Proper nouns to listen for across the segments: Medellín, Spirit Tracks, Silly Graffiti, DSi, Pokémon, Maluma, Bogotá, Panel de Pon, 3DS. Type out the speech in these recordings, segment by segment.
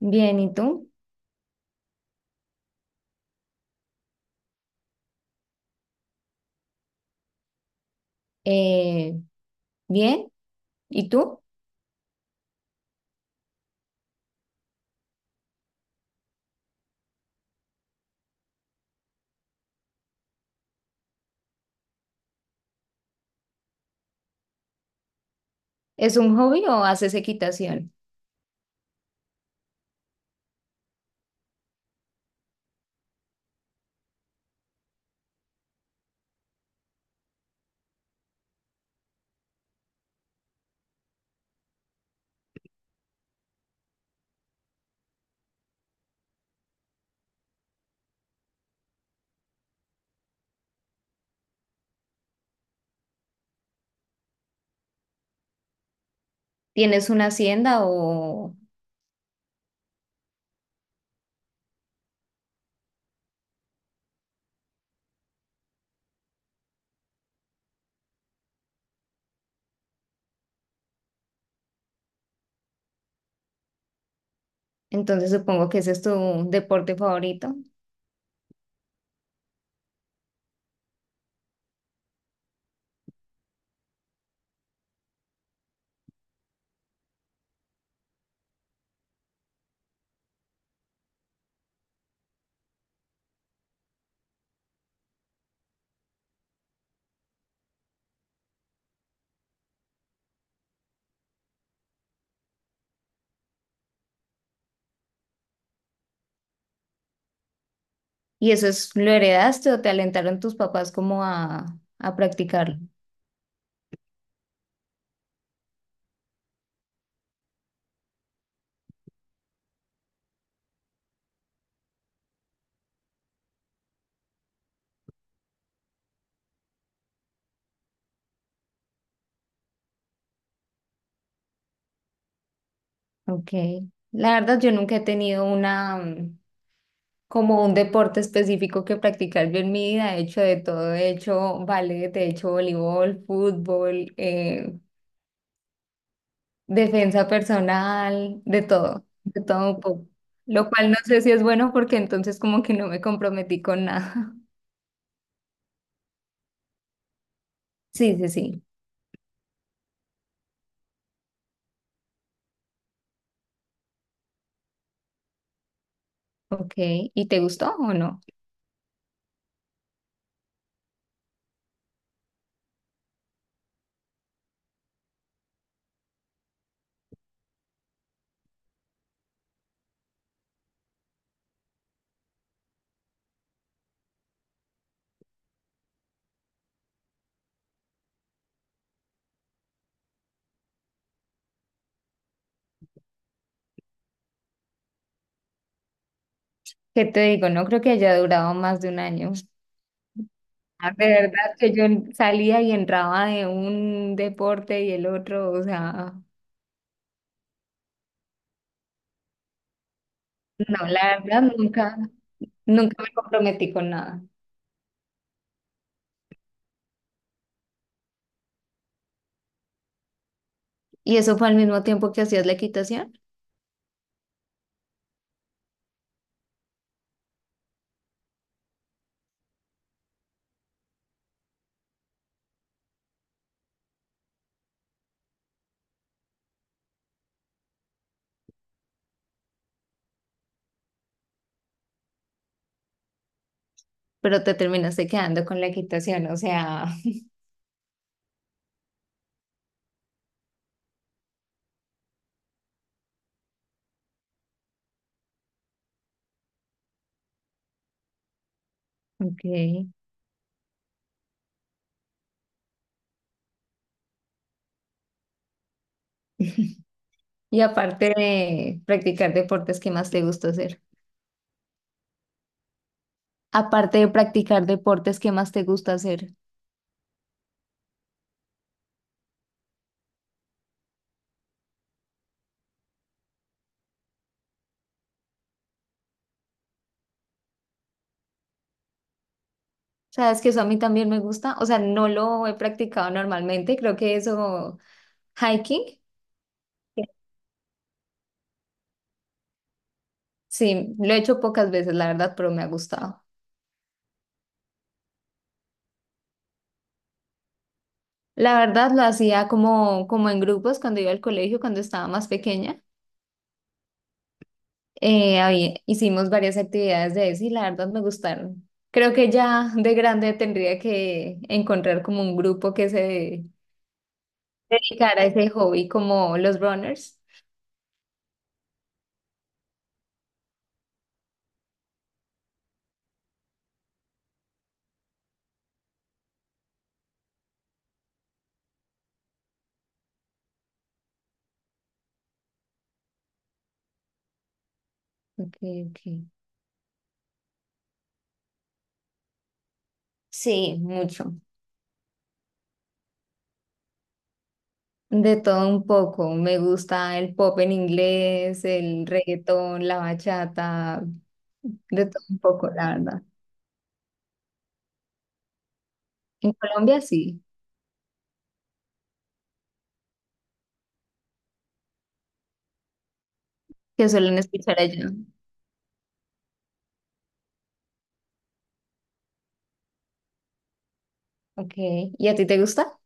Bien, ¿y tú? Eh, bien, ¿y tú? ¿Es un hobby o haces equitación? ¿Tienes una hacienda o entonces supongo que ese es tu deporte favorito? ¿Y eso es, lo heredaste o te alentaron tus papás como a practicarlo? Ok. La verdad, yo nunca he tenido una, como un deporte específico que practicar el en mi vida. He hecho de todo, he hecho ballet, he hecho voleibol, fútbol, defensa personal, de todo un poco. Lo cual no sé si es bueno porque entonces como que no me comprometí con nada. Sí, sí, sí. Ok, ¿y te gustó o no? ¿Qué te digo? No creo que haya durado más de un año. Ah, de verdad que yo salía y entraba de un deporte y el otro, o sea, no, la verdad nunca. Nunca me comprometí con nada. ¿Y eso fue al mismo tiempo que hacías la equitación, pero te terminaste quedando con la equitación, o sea? Ok. Y aparte de practicar deportes, ¿qué más te gusta hacer? Aparte de practicar deportes, ¿qué más te gusta hacer? Sabes que eso a mí también me gusta, o sea, no lo he practicado normalmente, creo que eso, hiking, sí, lo he hecho pocas veces, la verdad, pero me ha gustado. La verdad lo hacía como, como en grupos cuando iba al colegio, cuando estaba más pequeña. Hicimos varias actividades de eso y la verdad me gustaron. Creo que ya de grande tendría que encontrar como un grupo que se dedicara a ese hobby como los runners. Ok, ok. Sí, mucho. De todo un poco. Me gusta el pop en inglés, el reggaetón, la bachata, de todo un poco, la verdad. En Colombia sí, que suelen escuchar allá. Ok. ¿Y a ti te gusta?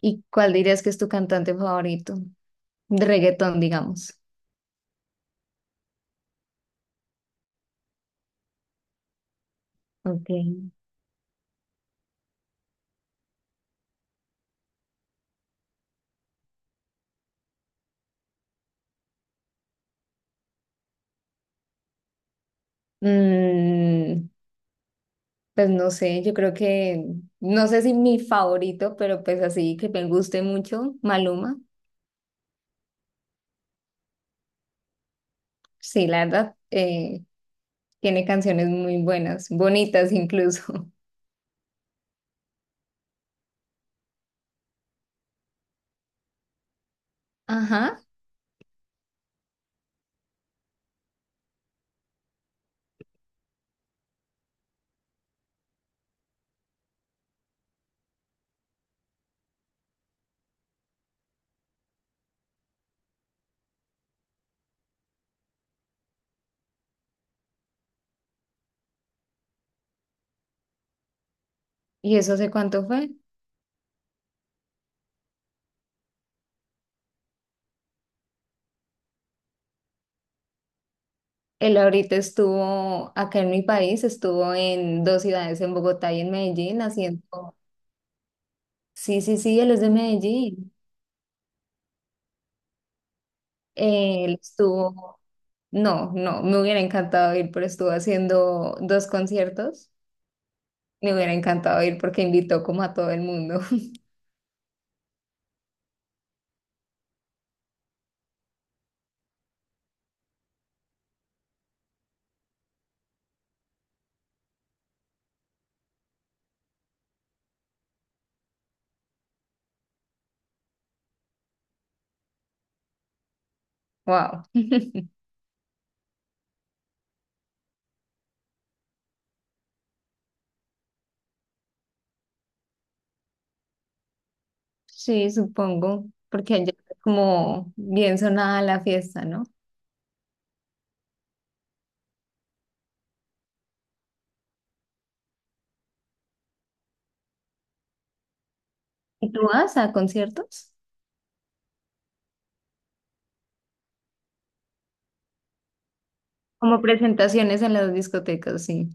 ¿Y cuál dirías que es tu cantante favorito? De reggaetón, digamos. Ok. Mm, pues no sé, yo creo que, no sé si mi favorito, pero pues así que me guste mucho, Maluma. Sí, la verdad, tiene canciones muy buenas, bonitas incluso. Ajá. ¿Y eso hace cuánto fue? Él ahorita estuvo acá en mi país, estuvo en dos ciudades, en Bogotá y en Medellín, haciendo... Sí, sí, sí, él es de Medellín. Él estuvo... No, no, me hubiera encantado ir, pero estuvo haciendo dos conciertos. Me hubiera encantado ir porque invitó como a todo el mundo. Wow. Sí, supongo, porque allá es como bien sonada la fiesta, ¿no? ¿Y tú vas a conciertos? Como presentaciones en las discotecas, sí.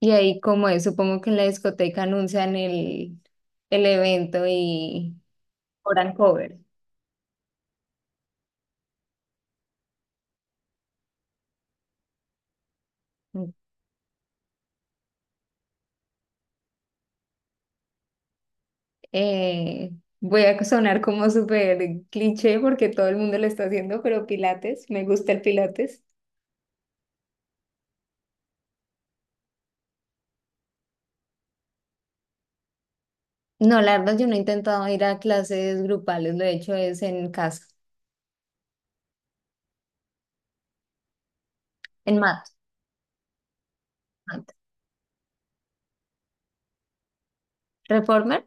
Y ahí como es, supongo que en la discoteca anuncian el evento y cobran cover. Eh, voy a sonar como súper cliché porque todo el mundo lo está haciendo, pero Pilates, me gusta el Pilates. No, la verdad, yo no he intentado ir a clases grupales, lo he hecho es en casa, en mat. Mat. ¿Reformer?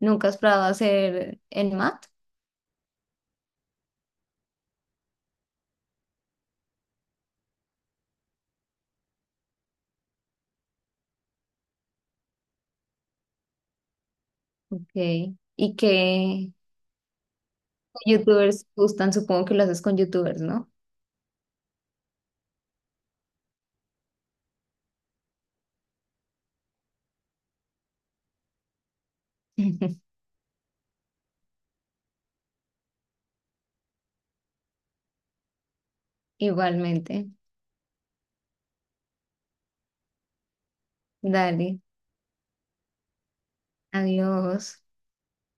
¿Nunca has probado hacer en mat? Ok. ¿Y qué youtubers gustan? Supongo que lo haces con youtubers, ¿no? Igualmente. Dale, adiós.